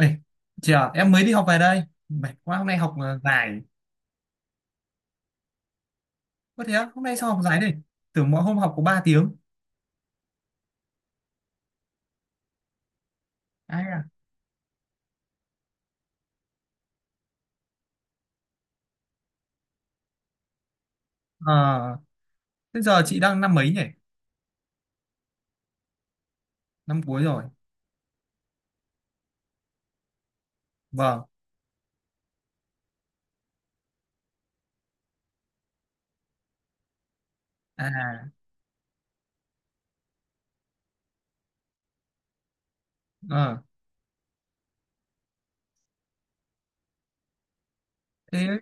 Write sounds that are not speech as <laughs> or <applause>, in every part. Ê, chị à, em mới đi học về đây. Mệt quá, hôm nay học dài. Có thế á, hôm nay sao học dài đây? Tưởng mỗi hôm học có ba tiếng. Ai à? Ờ, thế giờ chị đang năm mấy nhỉ? Năm cuối rồi. Vâng. À, ờ, thế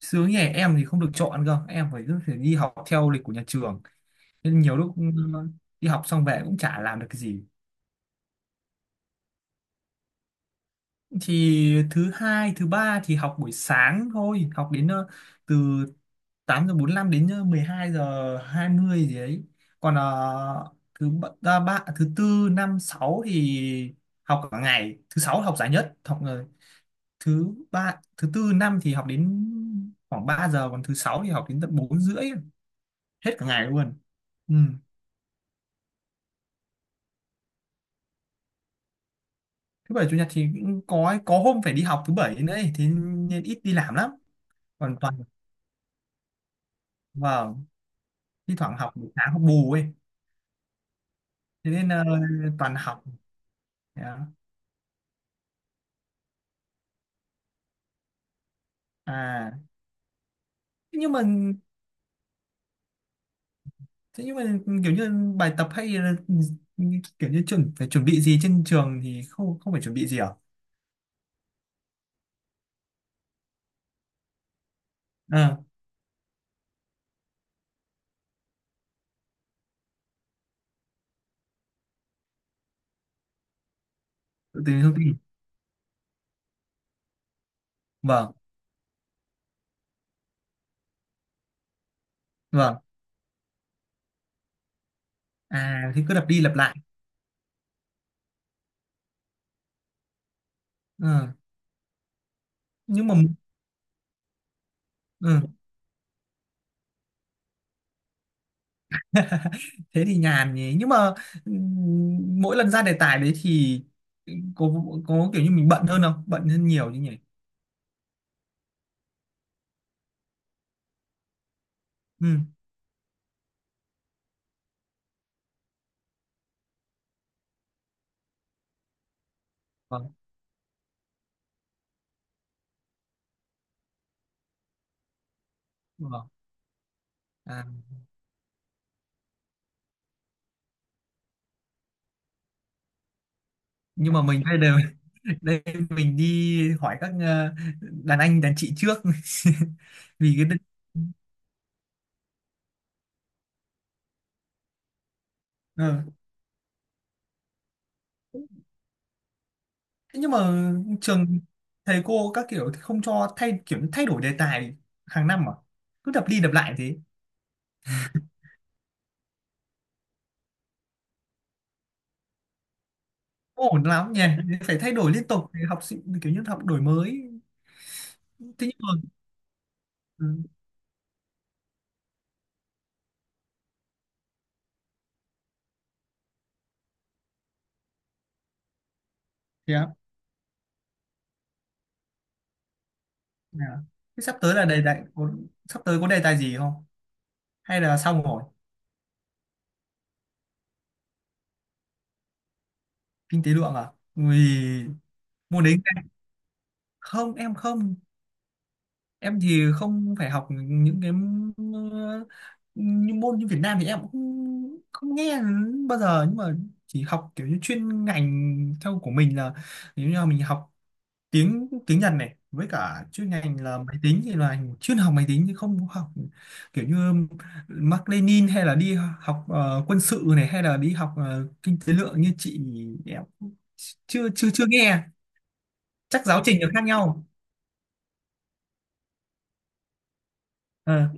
sướng nhỉ, em thì không được chọn cơ. Em phải cứ phải đi học theo lịch của nhà trường. Nên nhiều lúc đi học xong về cũng chả làm được cái gì. Thì thứ hai thứ ba thì học buổi sáng thôi, học đến từ 8 giờ bốn lăm đến 12 giờ 20 gì đấy, còn thứ ba, thứ tư năm sáu thì học cả ngày, thứ sáu học giải nhất, học thứ ba thứ tư năm thì học đến khoảng 3 giờ, còn thứ sáu thì học đến tận bốn rưỡi, hết cả ngày luôn. Ừ. Thứ bảy chủ nhật thì cũng có hôm phải đi học thứ bảy nữa ấy, thế nên ít đi làm lắm. Còn toàn vâng, thi thoảng học buổi sáng học bù ấy, thế nên toàn học. Đó. À, thế nhưng mà thế nhưng mà kiểu như bài tập hay là kiểu như chuẩn phải chuẩn bị gì trên trường thì không không phải chuẩn bị gì à? ờ Tự tìm thông tin, vâng vâng, à thì cứ lặp đi lặp lại. ờ nhưng mà ừ, thế thì nhàn nhỉ, nhưng mà mỗi lần ra đề tài đấy thì có có kiểu như mình bận hơn, không bận hơn nhiều chứ nhỉ? Ừ, vâng vâng, à nhưng mà mình đây đều đây, mình đi hỏi các đàn anh đàn chị trước <laughs> vì cái ờ. Thế nhưng mà trường, thầy cô các kiểu thì không cho thay, kiểu như thay đổi đề tài hàng năm à, cứ đập đi đập lại thế. Không ổn lắm nhỉ, phải thay đổi liên tục để học sinh kiểu như học đổi mới. Thế nhưng mà ừ. Thế á? Thế à? Thế sắp tới là đề tài có, sắp tới có đề tài gì không, hay là xong rồi? Kinh tế lượng à? Vì môn đấy không, em thì không, phải học những cái ờ, như môn như Việt Nam thì em cũng không nghe bao giờ, nhưng mà chỉ học kiểu như chuyên ngành theo của mình, là ví dụ như là mình học tiếng tiếng Nhật này với cả chuyên ngành là máy tính thì là chuyên học máy tính, chứ không có học kiểu như Mác Lênin, hay là đi học quân sự này, hay là đi học kinh tế lượng như chị. Em chưa chưa chưa nghe, chắc giáo trình là khác nhau. Ờ.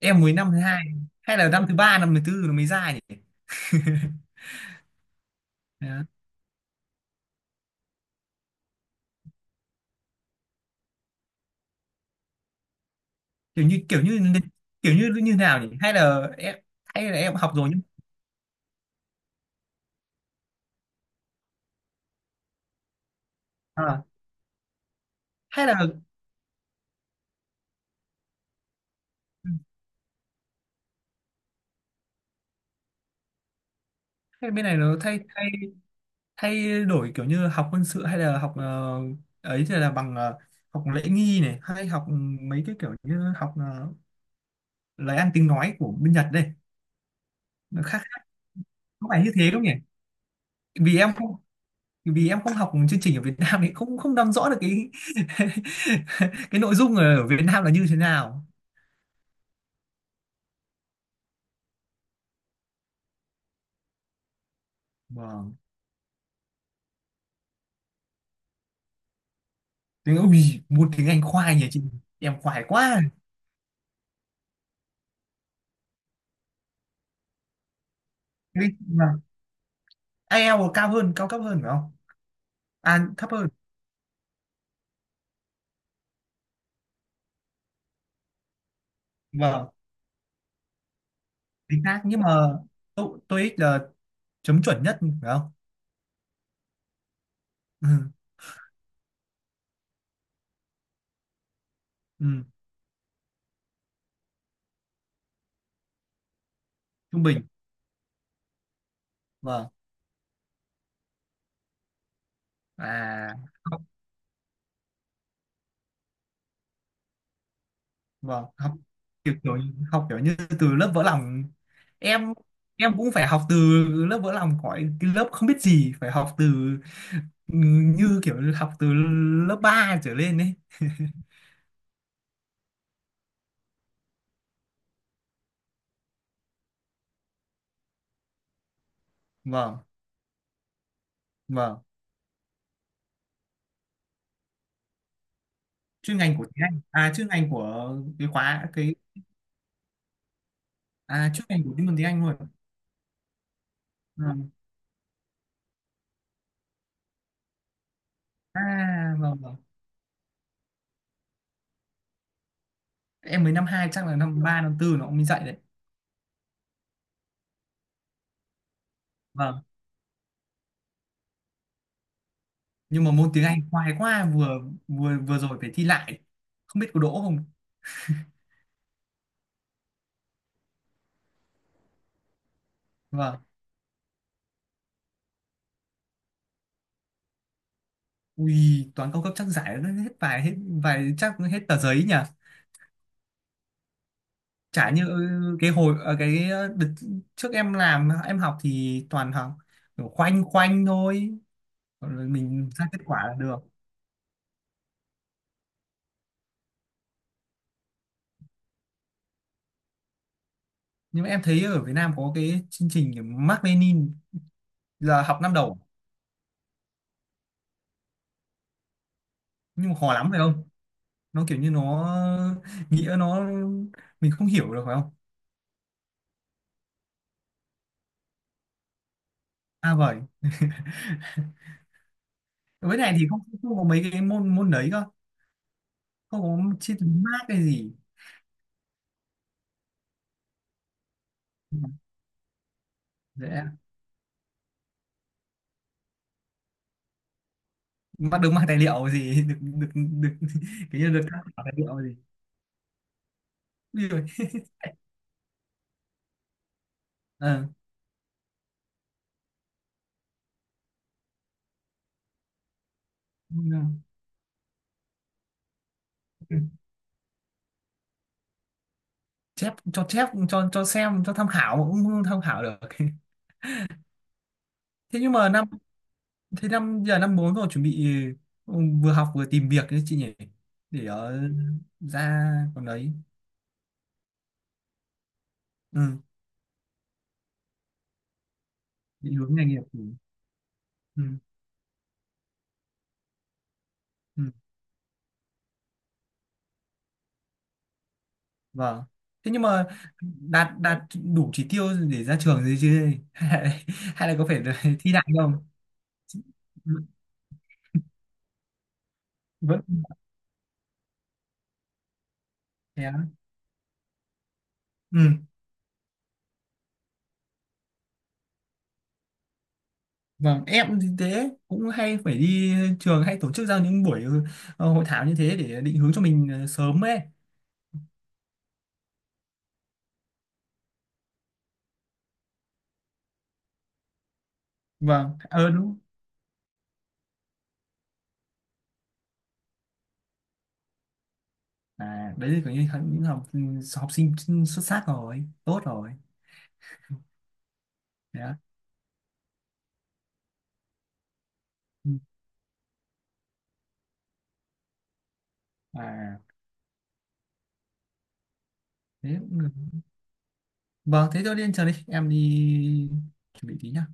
Em mới năm thứ hai, hay là năm thứ ba năm thứ tư nó mới ra nhỉ? <laughs> Đó. kiểu như kiểu như kiểu như như nào nhỉ, hay là em học rồi nhưng à. Hay là ừ, hay bên này nó thay thay thay đổi kiểu như học quân sự, hay là học ấy, thì là bằng học lễ nghi này, hay học mấy cái kiểu như học lời ăn tiếng nói của bên Nhật đây, nó khác khác, có phải như thế không nhỉ? vì em không Vì em không học chương trình ở Việt Nam thì không không nắm rõ được cái <laughs> cái nội dung ở Việt Nam là như thế nào. Vâng. Ui, môn tiếng Anh khoai nhỉ chị, em khoai quá. Đấy, vâng. IELTS cao cấp hơn phải không? À, thấp hơn. Vâng, chính xác. Nhưng mà TOEIC là chấm chuẩn nhất phải không? Ừ, ừ, trung bình, vâng. À, vâng, học kiểu học kiểu như từ lớp vỡ lòng. Em em cũng phải học từ lớp vỡ lòng, khỏi cái lớp không biết gì, phải học từ như kiểu học từ lớp 3 trở lên ấy. Vâng vâng. Chuyên ngành của tiếng Anh à, chuyên ngành của cái khóa, cái à, chuyên ngành của cái môn tiếng Anh luôn. Vâng. À, vâng vâng, em mới năm hai, chắc là năm 3 năm tư nó cũng mới dạy đấy. Vâng. Nhưng mà môn tiếng Anh khoai quá, vừa vừa vừa rồi phải thi lại, không biết có đỗ không. Vâng. Ui, toán cao cấp chắc giải nó hết vài, hết vài, chắc hết tờ giấy nhỉ. Chả như cái hồi ờ, cái ờ, đợt trước em làm em học thì toàn học kiểu khoanh khoanh thôi, còn rồi mình ra kết quả là được. Nhưng mà em thấy ở Việt Nam có cái chương trình kiểu Mác Lênin là học năm đầu, nhưng mà khó lắm phải không? Nó kiểu như nó nghĩa nó mình không hiểu được phải không? À vậy. Với này thì không không có mấy cái môn môn đấy cơ, không có chia từ Mác hay gì. Dễ mà, được mang tài liệu gì <laughs> được được được <laughs> kiểu như được các tài liệu gì. Ui giời. Ờ, ừ. Chép cho cho xem, cho tham khảo cũng không tham khảo được <laughs> thế nhưng mà năm Thế năm, giờ năm bốn rồi, chuẩn bị ừ, vừa học vừa tìm việc đấy chị nhỉ, để ra còn đấy. Ừ, định hướng nghề nghiệp, ừ. Ừ. Ừ. Vâng, thế nhưng mà đạt đạt đủ chỉ tiêu để ra trường rồi chứ <laughs> hay là, có phải <laughs> thi lại không? Ừ. Vẫn thế á. Ừ. Vâng, em thì thế cũng hay phải đi trường, hay tổ chức ra những buổi hội thảo như thế để định hướng cho mình sớm ấy. Vâng, ờ đúng. À, đấy là kiểu như những học học sinh xuất sắc rồi, tốt rồi. Đấy, ạ. Ừ. À, thế cũng được. Vâng, thế tôi đi ăn chờ đi, em đi chuẩn bị tí nhá.